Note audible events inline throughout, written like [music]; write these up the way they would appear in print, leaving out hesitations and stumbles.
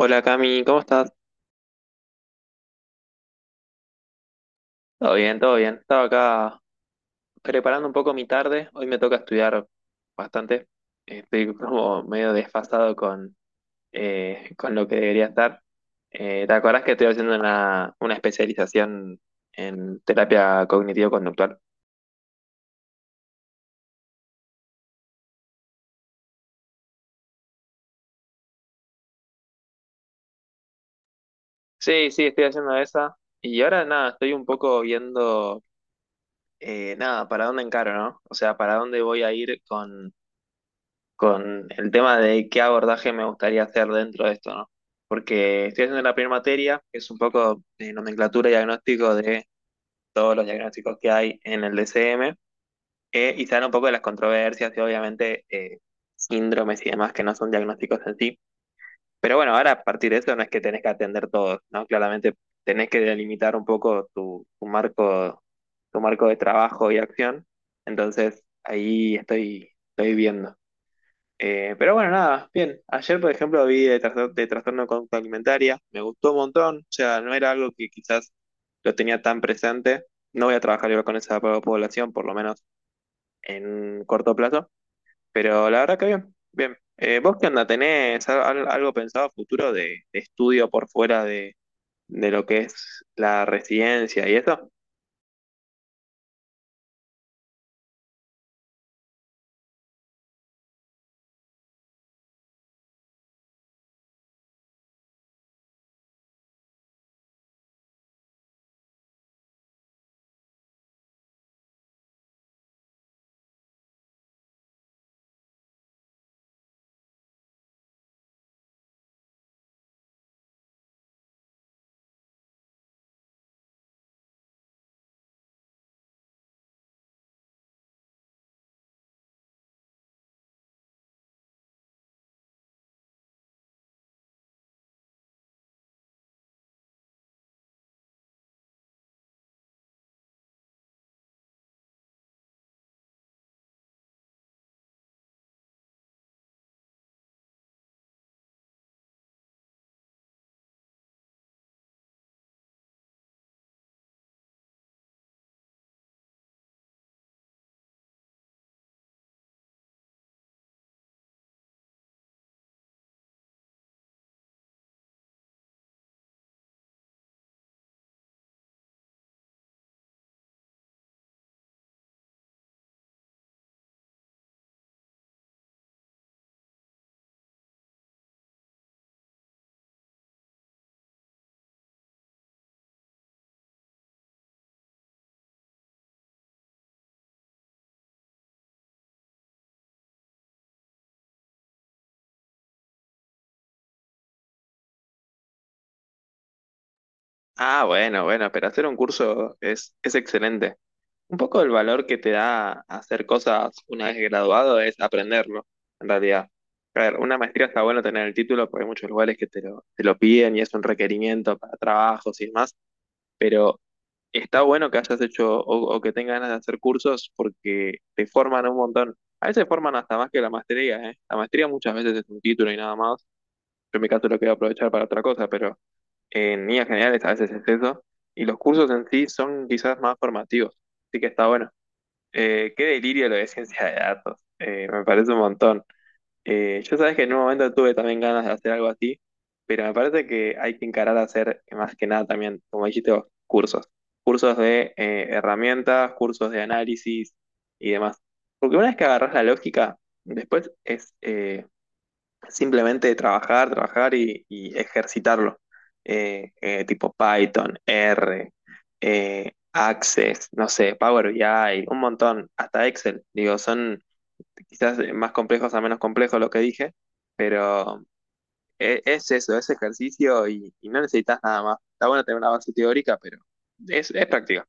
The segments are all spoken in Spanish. Hola Cami, ¿cómo estás? Todo bien, todo bien. Estaba acá preparando un poco mi tarde. Hoy me toca estudiar bastante. Estoy como medio desfasado con lo que debería estar. ¿Te acordás que estoy haciendo una especialización en terapia cognitivo-conductual? Sí, sí, estoy haciendo esa. Y ahora nada, estoy un poco viendo, nada, para dónde encaro, ¿no? O sea, para dónde voy a ir con el tema de qué abordaje me gustaría hacer dentro de esto, ¿no? Porque estoy haciendo la primera materia, que es un poco de nomenclatura y diagnóstico de todos los diagnósticos que hay en el DCM, y se habla un poco de las controversias y obviamente síndromes y demás que no son diagnósticos en sí. Pero bueno, ahora a partir de eso no es que tenés que atender todos, ¿no? Claramente tenés que delimitar un poco tu marco de trabajo y acción. Entonces, ahí estoy viendo. Pero bueno, nada, bien. Ayer, por ejemplo, de trastorno de conducta alimentaria, me gustó un montón, o sea, no era algo que quizás lo tenía tan presente. No voy a trabajar igual con población, por lo menos en corto plazo, pero la verdad que bien, bien. ¿Vos qué onda? ¿Tenés algo pensado a futuro de estudio por fuera de lo que es la residencia y eso? Ah, bueno, bueno, pero hacer un curso es excelente. Un poco el valor que te da hacer cosas una vez graduado es aprenderlo, en realidad. A ver, una maestría está bueno tener el título porque hay muchos lugares que te te lo piden y es un requerimiento para trabajos y demás, pero está bueno que hayas hecho o que tengas ganas de hacer cursos porque te forman un montón. A veces forman hasta más que la maestría, ¿eh? La maestría muchas veces es un título y nada más. Yo en mi caso lo quiero aprovechar para otra cosa, pero en líneas generales a veces es eso. Y los cursos en sí son quizás más formativos, así que está bueno. Qué delirio lo de ciencia de datos. Me parece un montón. Yo sabes que en un momento tuve también ganas de hacer algo así, pero me parece que hay que encarar a hacer más que nada también, como dijiste vos, cursos. Cursos de herramientas, cursos de análisis y demás. Porque una vez que agarras la lógica, después es simplemente trabajar, trabajar y ejercitarlo. Tipo Python, R, Access, no sé, Power BI, un montón, hasta Excel. Digo, son quizás más complejos a menos complejos lo que dije, pero es eso, es ejercicio y no necesitas nada más. Está bueno tener una base teórica, pero es práctica.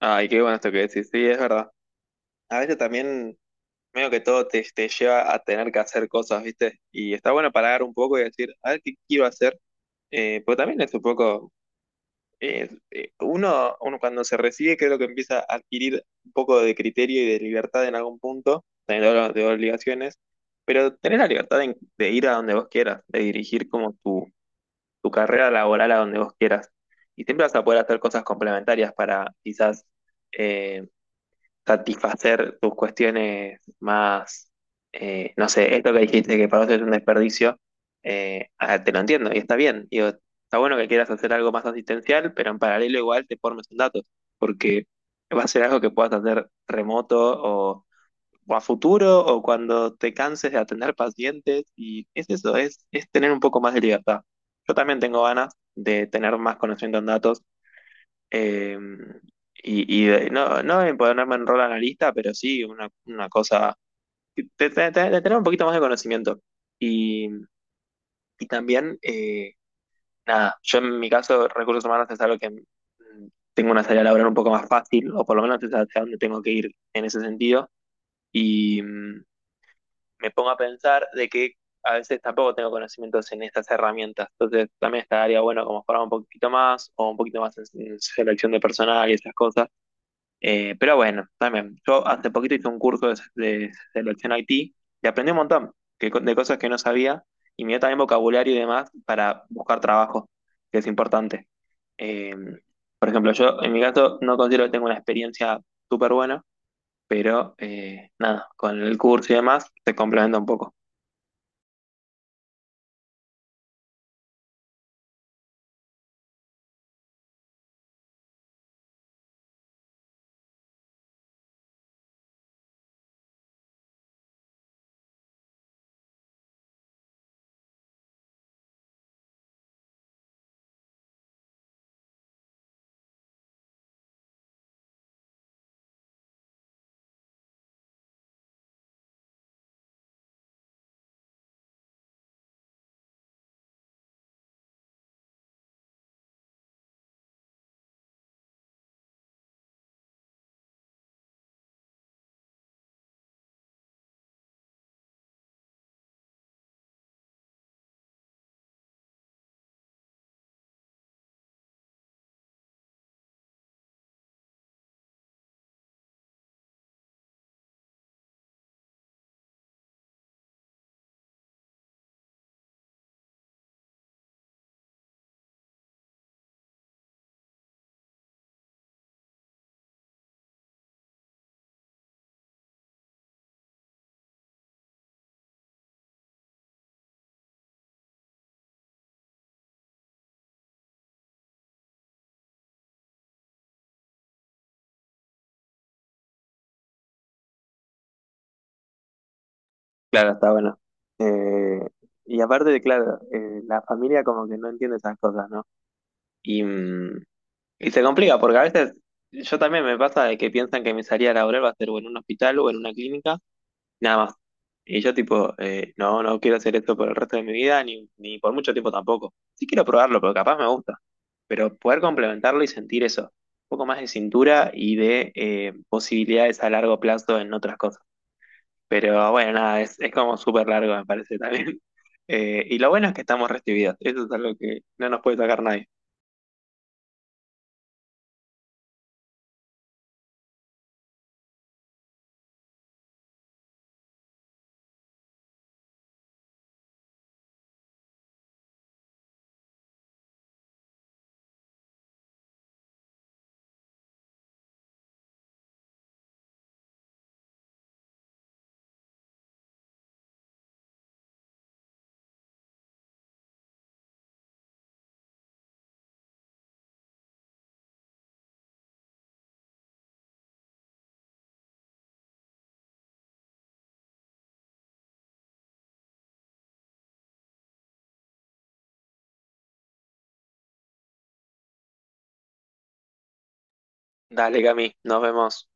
Ay, qué bueno esto que decís, sí, es verdad. A veces también medio que todo te lleva a tener que hacer cosas, ¿viste? Y está bueno parar un poco y decir, a ver qué quiero hacer, porque también es un poco, uno cuando se recibe creo que empieza a adquirir un poco de criterio y de libertad en algún punto, también hablo de obligaciones, pero tener la libertad de ir a donde vos quieras, de dirigir como tu carrera laboral a donde vos quieras. Y siempre vas a poder hacer cosas complementarias para quizás eh, satisfacer tus cuestiones más, no sé, esto que dijiste que para vos es un desperdicio, te lo entiendo y está bien. Digo, está bueno que quieras hacer algo más asistencial, pero en paralelo igual te formes en datos, porque va a ser algo que puedas hacer remoto o a futuro o cuando te canses de atender pacientes y es eso, es tener un poco más de libertad. Yo también tengo ganas de tener más conocimiento en datos eh, y no, no en ponerme en rol analista, pero sí una cosa de, de tener un poquito más de conocimiento. Y, y también, nada, yo en mi caso, recursos humanos es algo que mm, tengo una salida laboral un poco más fácil, o por lo menos es hacia dónde tengo que ir en ese sentido. Y mm, me pongo a pensar de que a veces tampoco tengo conocimientos en estas herramientas. Entonces también estaría bueno como formar un poquito más, o un poquito más en selección de personal y esas cosas. Pero bueno, también, yo hace poquito hice un curso de selección IT y aprendí un montón que de cosas que no sabía y me dio también vocabulario y demás para buscar trabajo, que es importante. Eh, por ejemplo, yo en mi caso no considero que tenga una experiencia súper buena, pero nada, con el curso y demás te complementa un poco. Claro, está bueno. Eh, y aparte de, claro, la familia como que no entiende esas cosas, ¿no? Y, mm, y se complica porque a veces yo también me pasa de que piensan que mi salida laboral va a ser o en un hospital o en una clínica, nada más. Y yo tipo, no, no quiero hacer esto por el resto de mi vida, ni, ni por mucho tiempo tampoco. Sí quiero probarlo, porque capaz me gusta. Pero poder complementarlo y sentir eso, un poco más de cintura y de posibilidades a largo plazo en otras cosas. Pero bueno, nada, es como súper largo, me parece también. [laughs] Y lo bueno es que estamos recibidos. Eso es algo que no nos puede sacar nadie. Dale, Cami, nos vemos.